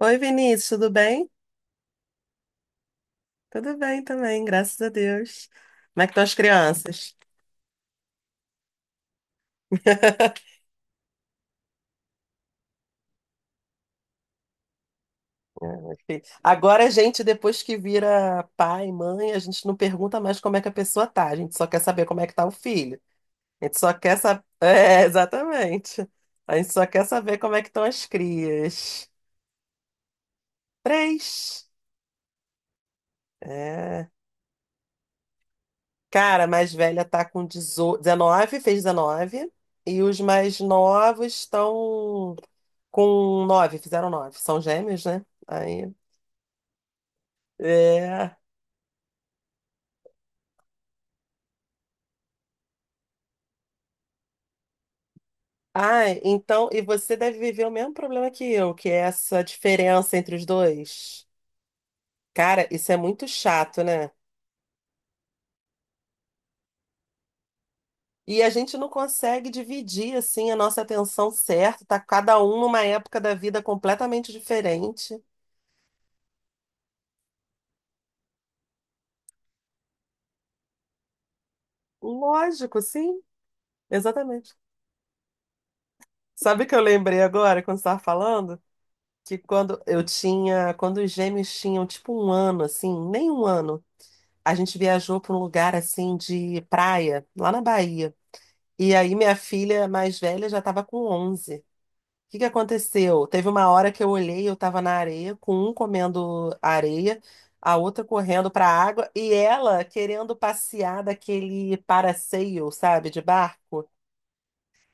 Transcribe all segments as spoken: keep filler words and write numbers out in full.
Oi, Vinícius, tudo bem? Tudo bem também, graças a Deus. Como é que estão as crianças? Enfim, agora a gente, depois que vira pai, mãe, a gente não pergunta mais como é que a pessoa tá, a gente só quer saber como é que tá o filho. A gente só quer saber. É, exatamente. A gente só quer saber como é que estão as crias. Três. É. Cara, a mais velha tá com dezo, dezenove, fez dezenove. E os mais novos estão com nove, fizeram nove. São gêmeos, né? Aí. É. Ah, então. E você deve viver o mesmo problema que eu, que é essa diferença entre os dois. Cara, isso é muito chato, né? E a gente não consegue dividir, assim, a nossa atenção certa. Tá cada um numa época da vida completamente diferente. Lógico, sim. Exatamente. Sabe o que eu lembrei agora quando você estava falando? Que quando eu tinha, quando os gêmeos tinham tipo um ano, assim, nem um ano, a gente viajou para um lugar assim de praia, lá na Bahia. E aí minha filha mais velha já estava com onze. O que que aconteceu? Teve uma hora que eu olhei, eu estava na areia, com um comendo areia, a outra correndo para a água e ela querendo passear daquele paraceio, sabe, de barco.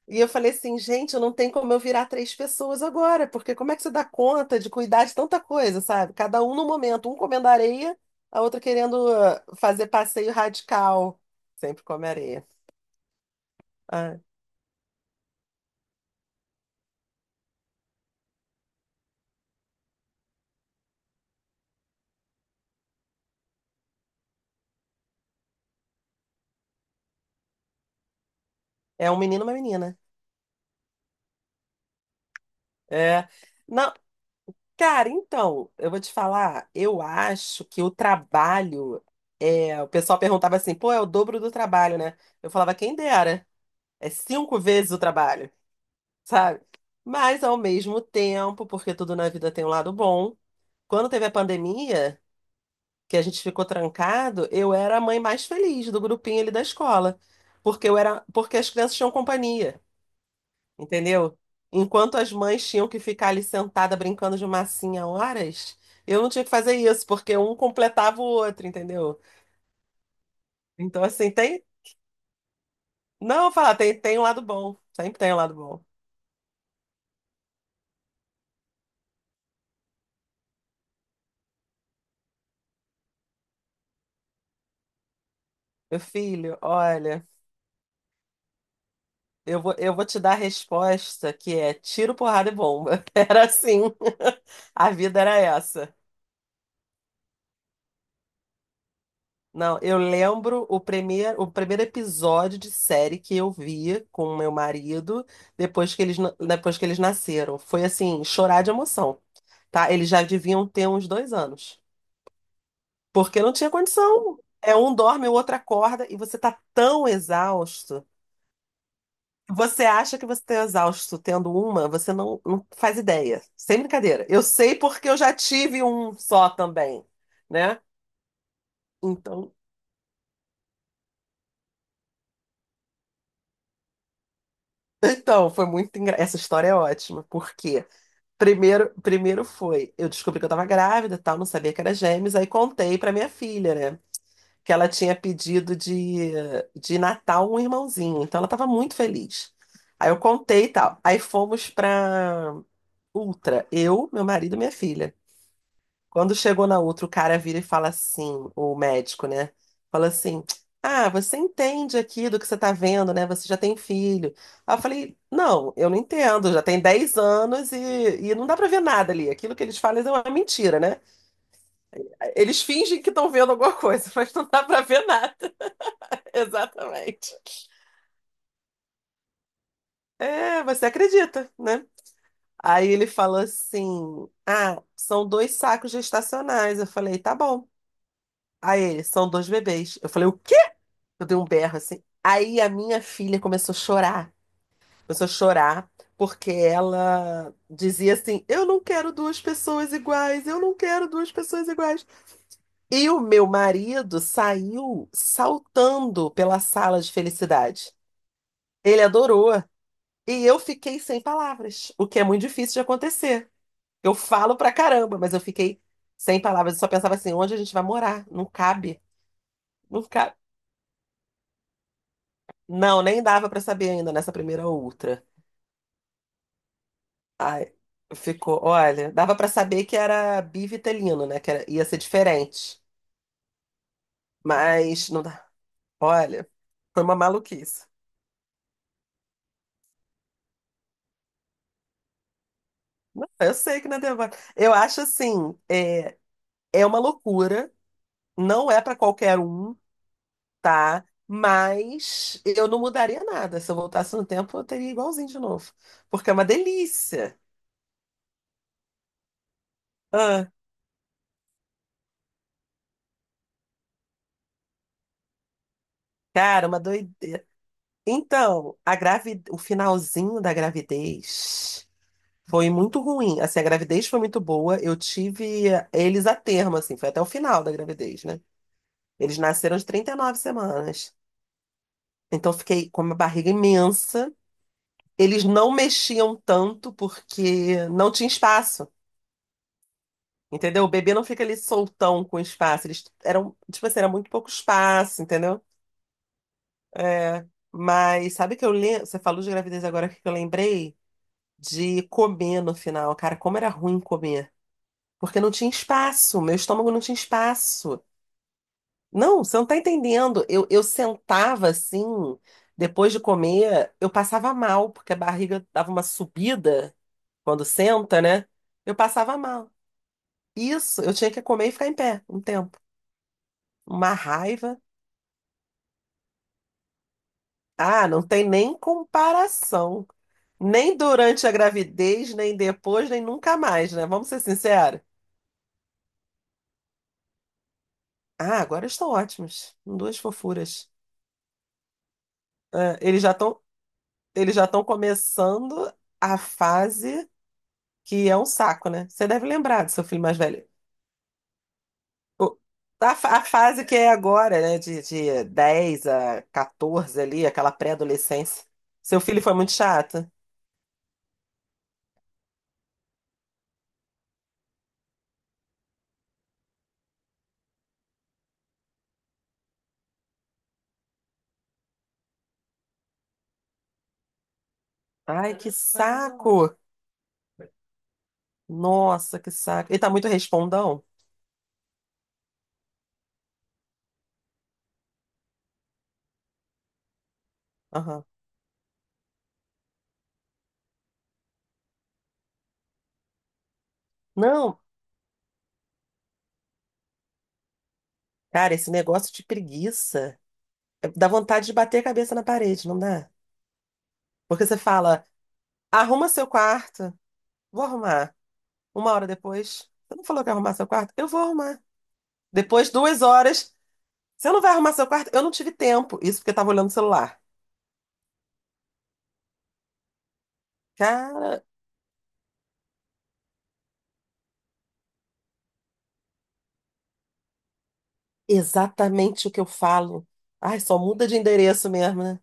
E eu falei assim, gente, eu não tem como eu virar três pessoas agora, porque como é que você dá conta de cuidar de tanta coisa, sabe? Cada um no momento, um comendo areia, a outra querendo ah, fazer passeio radical. Sempre come areia. Ah, é um menino, e uma menina. É. Não, cara, então, eu vou te falar, eu acho que o trabalho é, o pessoal perguntava assim, pô, é o dobro do trabalho, né? Eu falava, quem dera, é cinco vezes o trabalho. Sabe? Mas ao mesmo tempo, porque tudo na vida tem um lado bom, quando teve a pandemia, que a gente ficou trancado, eu era a mãe mais feliz do grupinho ali da escola, porque eu era, porque as crianças tinham companhia, entendeu? Enquanto as mães tinham que ficar ali sentada brincando de massinha horas, eu não tinha que fazer isso, porque um completava o outro, entendeu? Então assim, tem, não, eu vou falar, tem tem um lado bom, sempre tem um lado bom. Meu filho, olha, Eu vou, eu vou te dar a resposta que é tiro, porrada e bomba. Era assim. A vida era essa. Não, eu lembro o primeiro, o primeiro episódio de série que eu vi com o meu marido depois que eles, na- depois que eles nasceram. Foi assim, chorar de emoção, tá? Eles já deviam ter uns dois anos. Porque não tinha condição. É um dorme, o outro acorda, e você tá tão exausto. Você acha que você está exausto tendo uma, você não, não faz ideia. Sem brincadeira. Eu sei porque eu já tive um só também, né? Então, então foi muito engra... Essa história é ótima, porque primeiro, primeiro foi, eu descobri que eu estava grávida, e tal, não sabia que era gêmeos, aí contei para minha filha, né? Que ela tinha pedido de, de Natal um irmãozinho, então ela estava muito feliz. Aí eu contei e tal. Aí fomos para Ultra, eu, meu marido e minha filha, né? Quando chegou na outra, o cara vira e fala assim, o médico, né? Fala assim: ah, você entende aqui do que você tá vendo, né? Você já tem filho. Aí eu falei: não, eu não entendo. Já tem dez anos e, e não dá pra ver nada ali. Aquilo que eles falam é uma mentira, né? Eles fingem que estão vendo alguma coisa, mas não dá pra ver nada. Exatamente. É, você acredita, né? Aí ele falou assim: ah, são dois sacos gestacionais. Eu falei: tá bom. Aí ele: são dois bebês. Eu falei: o quê? Eu dei um berro assim. Aí a minha filha começou a chorar. Começou a chorar porque ela dizia assim: eu não quero duas pessoas iguais, eu não quero duas pessoas iguais. E o meu marido saiu saltando pela sala de felicidade. Ele adorou. E eu fiquei sem palavras, o que é muito difícil de acontecer. Eu falo pra caramba, mas eu fiquei sem palavras. Eu só pensava assim: onde a gente vai morar? Não cabe, não cabe. Não, nem dava pra saber ainda nessa primeira ultra. Ai, ficou. Olha, dava pra saber que era bivitelino, né? Que era- ia ser diferente. Mas não dá. Olha, foi uma maluquice. Não, eu sei que não é demora. Eu acho assim, é, é uma loucura. Não é pra qualquer um, tá? Mas eu não mudaria nada. Se eu voltasse no tempo, eu teria igualzinho de novo. Porque é uma delícia. Ah, cara, uma doideira. Então, a gravi... o finalzinho da gravidez. Foi muito ruim. Assim, a gravidez foi muito boa. Eu tive eles a termo, assim, foi até o final da gravidez, né? Eles nasceram de trinta e nove semanas. Então, eu fiquei com uma barriga imensa. Eles não mexiam tanto porque não tinha espaço, entendeu? O bebê não fica ali soltão com espaço. Eles eram, tipo assim, era muito pouco espaço, entendeu? É, mas sabe que eu lembro? Você falou de gravidez agora que eu lembrei de comer no final. Cara, como era ruim comer. Porque não tinha espaço, meu estômago não tinha espaço. Não, você não tá entendendo. Eu, eu sentava assim, depois de comer, eu passava mal, porque a barriga dava uma subida quando senta, né? Eu passava mal. Isso, eu tinha que comer e ficar em pé um tempo. Uma raiva. Ah, não tem nem comparação. Nem durante a gravidez, nem depois, nem nunca mais, né? Vamos ser sinceros. Ah, agora estão ótimos. Duas fofuras. Ah, eles já estão eles já estão começando a fase que é um saco, né? Você deve lembrar do seu filho mais velho. O- A, fa- a fase que é agora, né? De, de dez a catorze ali, aquela pré-adolescência. Seu filho foi muito chato? Ai, que saco! Nossa, que saco. Ele tá muito respondão? Aham. Não, cara, esse negócio de preguiça. Dá vontade de bater a cabeça na parede, não dá? Porque você fala, arruma seu quarto, vou arrumar. Uma hora depois, você não falou que ia arrumar seu quarto? Eu vou arrumar. Depois, duas horas, você não vai arrumar seu quarto? Eu não tive tempo. Isso porque eu tava olhando o celular. Cara, exatamente o que eu falo. Ai, só muda de endereço mesmo, né?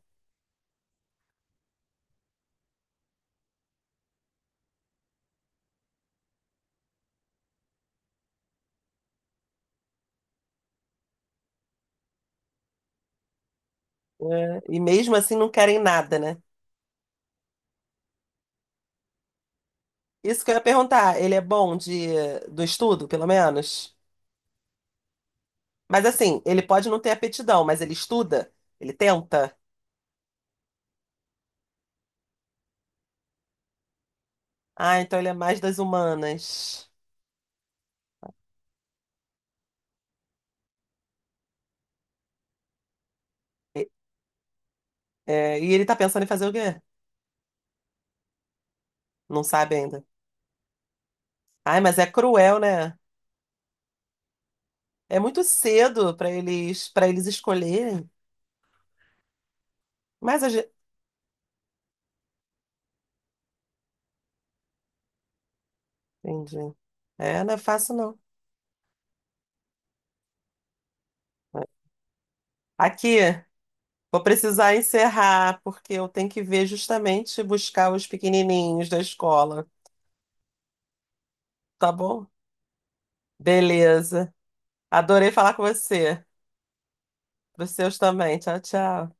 É, e mesmo assim não querem nada, né? Isso que eu ia perguntar, ele é bom de, do estudo, pelo menos? Mas assim, ele pode não ter aptidão, mas ele estuda? Ele tenta? Ah, então ele é mais das humanas. E- é, e ele tá pensando em fazer o quê? Não sabe ainda. Ai, mas é cruel, né? É muito cedo pra eles para eles escolherem. Mas a gente... Entendi. É, não é fácil, não. Aqui, vou precisar encerrar, porque eu tenho que ver justamente buscar os pequenininhos da escola, tá bom? Beleza. Adorei falar com você. Para os seus também. Tchau, tchau.